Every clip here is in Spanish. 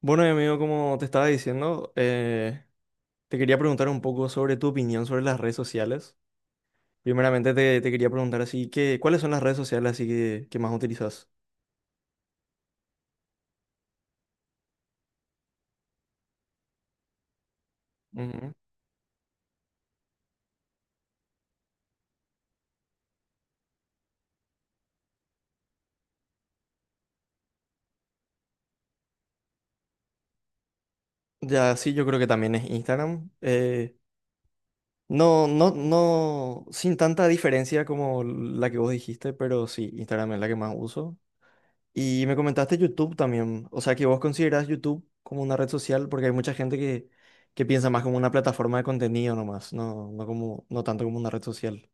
Bueno, y amigo, como te estaba diciendo, te quería preguntar un poco sobre tu opinión sobre las redes sociales. Primeramente te quería preguntar así que, ¿cuáles son las redes sociales así que más utilizas? Ujú. Ya, sí, yo creo que también es Instagram. No, no, no, sin tanta diferencia como la que vos dijiste, pero sí, Instagram es la que más uso. Y me comentaste YouTube también, o sea que vos considerás YouTube como una red social porque hay mucha gente que piensa más como una plataforma de contenido nomás, no, no como, no tanto como una red social.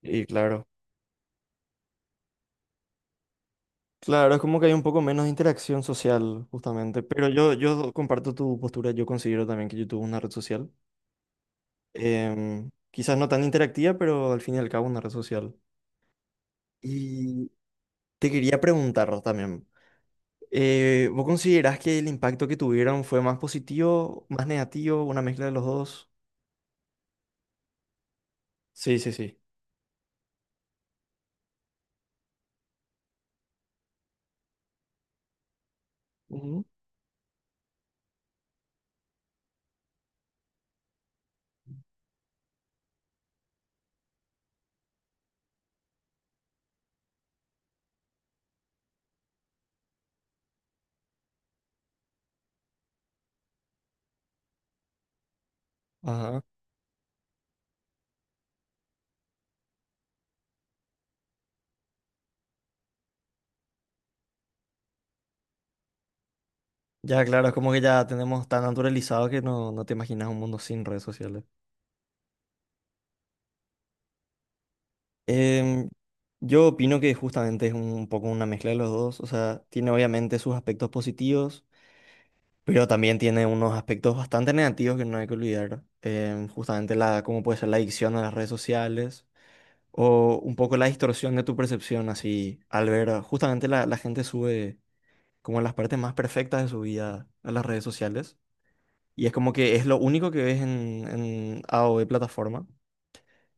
Y claro, claro, es como que hay un poco menos de interacción social justamente, pero yo comparto tu postura, yo considero también que YouTube es una red social. Quizás no tan interactiva, pero al fin y al cabo una red social. Y te quería preguntar también. ¿Vos considerás que el impacto que tuvieron fue más positivo, más negativo, una mezcla de los dos? Sí, sí, sí. Ujú. Ajá. Ya, claro, es como que ya tenemos tan naturalizado que no, no te imaginas un mundo sin redes sociales. Em, yo opino que justamente es un poco una mezcla de los dos. O sea, tiene obviamente sus aspectos positivos, pero también tiene unos aspectos bastante negativos que no hay que olvidar. Justamente la, cómo puede ser la adicción a las redes sociales, o un poco la distorsión de tu percepción, así, al ver, ah, justamente la gente sube como las partes más perfectas de su vida a las redes sociales, y es como que es lo único que ves en A o B plataforma,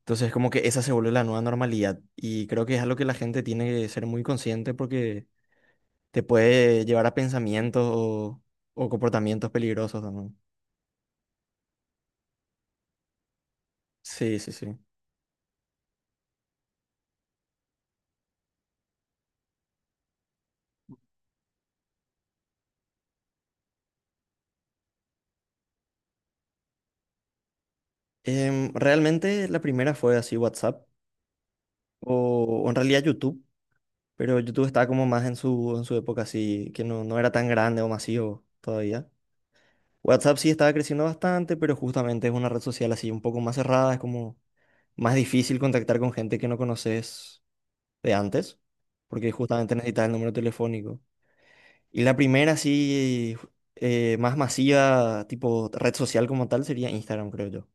entonces como que esa se vuelve la nueva normalidad, y creo que es algo que la gente tiene que ser muy consciente porque te puede llevar a pensamientos o comportamientos peligrosos también. Sí, sí, sí. Realmente la primera fue así WhatsApp, o en realidad YouTube. Pero YouTube estaba como más en su época así, que no, no era tan grande o masivo todavía. WhatsApp sí estaba creciendo bastante, pero justamente es una red social así un poco más cerrada, es como más difícil contactar con gente que no conoces de antes, porque justamente necesitas el número telefónico. Y la primera así más masiva, tipo red social como tal, sería Instagram, creo yo.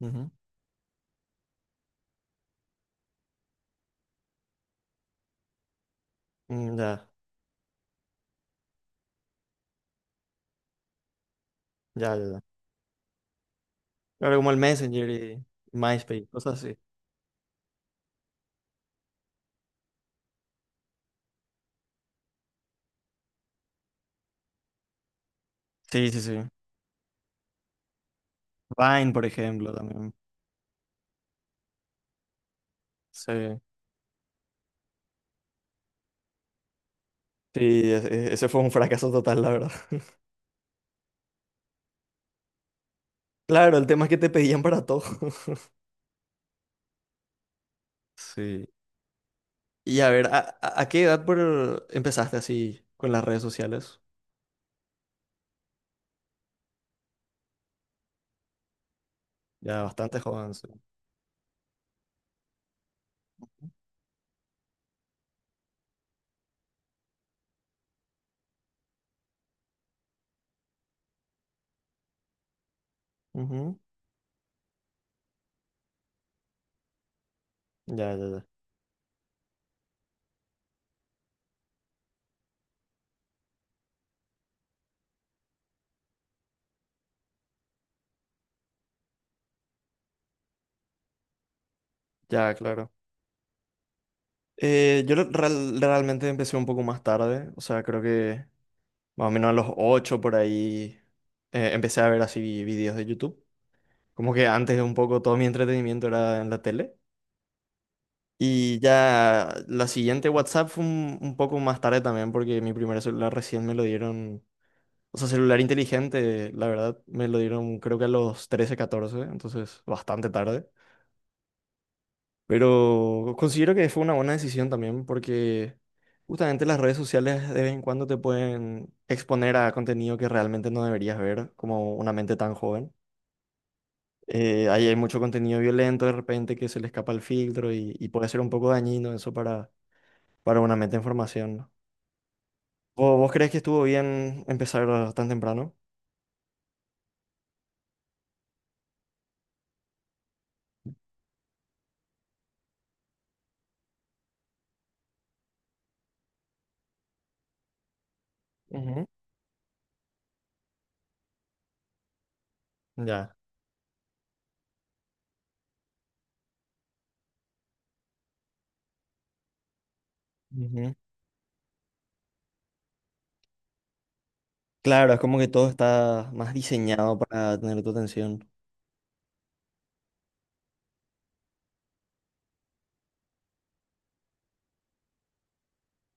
Ujú. Mm, ya, ya, ya. Ya. Claro, como el Messenger y MySpace, cosas así. Sí, sí, sí. Vine, por ejemplo, también. Sí. Sí, ese fue un fracaso total, la verdad. Claro, el tema es que te pedían para todo. Sí. Y a ver, ¿a, a qué edad empezaste así con las redes sociales? Ya bastante joven, sí. Ujú. Ya, ya, ya. Ya, claro. Yo realmente empecé un poco más tarde, o sea, creo que más o menos a los 8 por ahí empecé a ver así videos de YouTube. Como que antes un poco todo mi entretenimiento era en la tele. Y ya la siguiente WhatsApp fue un poco más tarde también, porque mi primer celular recién me lo dieron, o sea, celular inteligente, la verdad, me lo dieron creo que a los 13 14 entonces bastante tarde. Pero considero que fue una buena decisión también, porque justamente las redes sociales de vez en cuando te pueden exponer a contenido que realmente no deberías ver, como una mente tan joven. Ahí hay mucho contenido violento de repente que se le escapa el filtro y puede ser un poco dañino eso para una mente en formación, ¿no? ¿Vo- ¿Vos, crees que estuvo bien empezar tan temprano? Ujú, ya. Ujú. Claro, es como que todo está más diseñado para tener tu atención.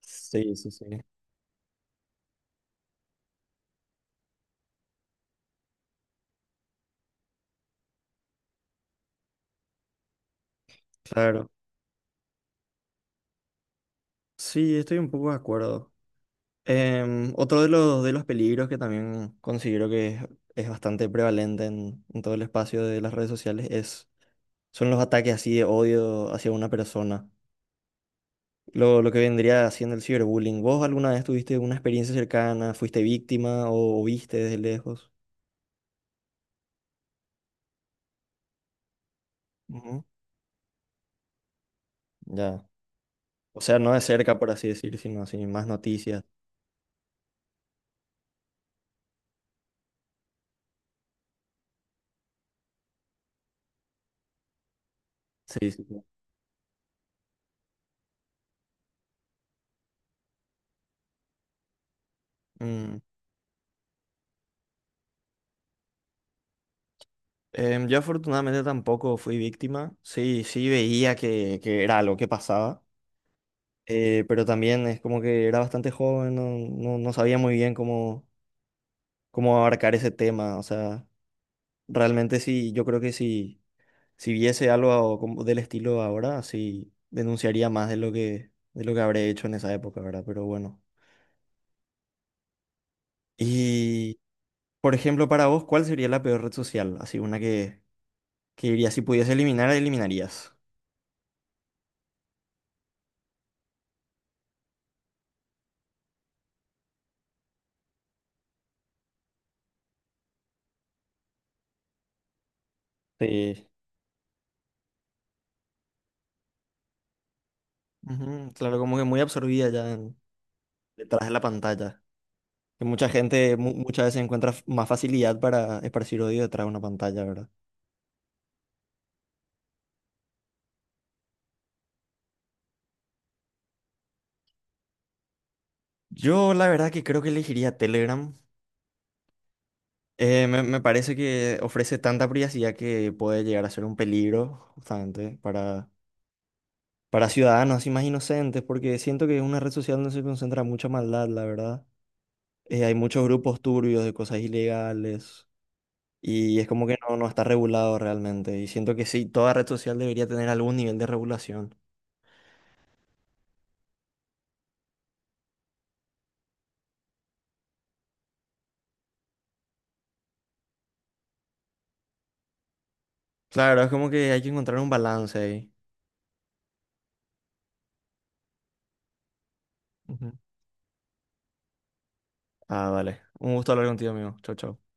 Sí, sí, sí. Claro. Sí, estoy un poco de acuerdo. Otro de de los peligros que también considero que es bastante prevalente en todo el espacio de las redes sociales es, son los ataques así de odio hacia una persona. Lo que vendría haciendo el ciberbullying. ¿Vos alguna vez tuviste una experiencia cercana? ¿Fuiste víctima o viste desde lejos? Ujú, ya. O sea, no de cerca, por así decir, sino así, más noticias. Sí, sí, sí. Mm. Yo afortunadamente tampoco fui víctima. Sí, sí veía que era algo que pasaba. Pero también es como que era bastante joven, no, no, no sabía muy bien cómo, cómo abarcar ese tema. O sea, realmente sí, yo creo que si, si viese algo como del estilo ahora, sí denunciaría más de lo que habré hecho en esa época, ¿verdad? Pero bueno. Y por ejemplo, para vos, ¿cuál sería la peor red social? Así una que dirías, si pudiese eliminar, eliminarías. Sí, ujú, claro, como que muy absorbida ya en- detrás de la pantalla. Que mucha gente mu- muchas veces encuentra f- más facilidad para esparcir odio detrás de una pantalla, ¿verdad? Yo la verdad que creo que elegiría Telegram. Me, me parece que ofrece tanta privacidad que puede llegar a ser un peligro justamente para ciudadanos así más inocentes, porque siento que es una red social donde se concentra mucha maldad, la verdad. Hay muchos grupos turbios de cosas ilegales y es como que no, no está regulado realmente. Y siento que sí, toda red social debería tener algún nivel de regulación. Claro, es como que hay que encontrar un balance ahí. Ujú. Ah, vale. Un gusto hablar contigo, amigo. Chau, chau.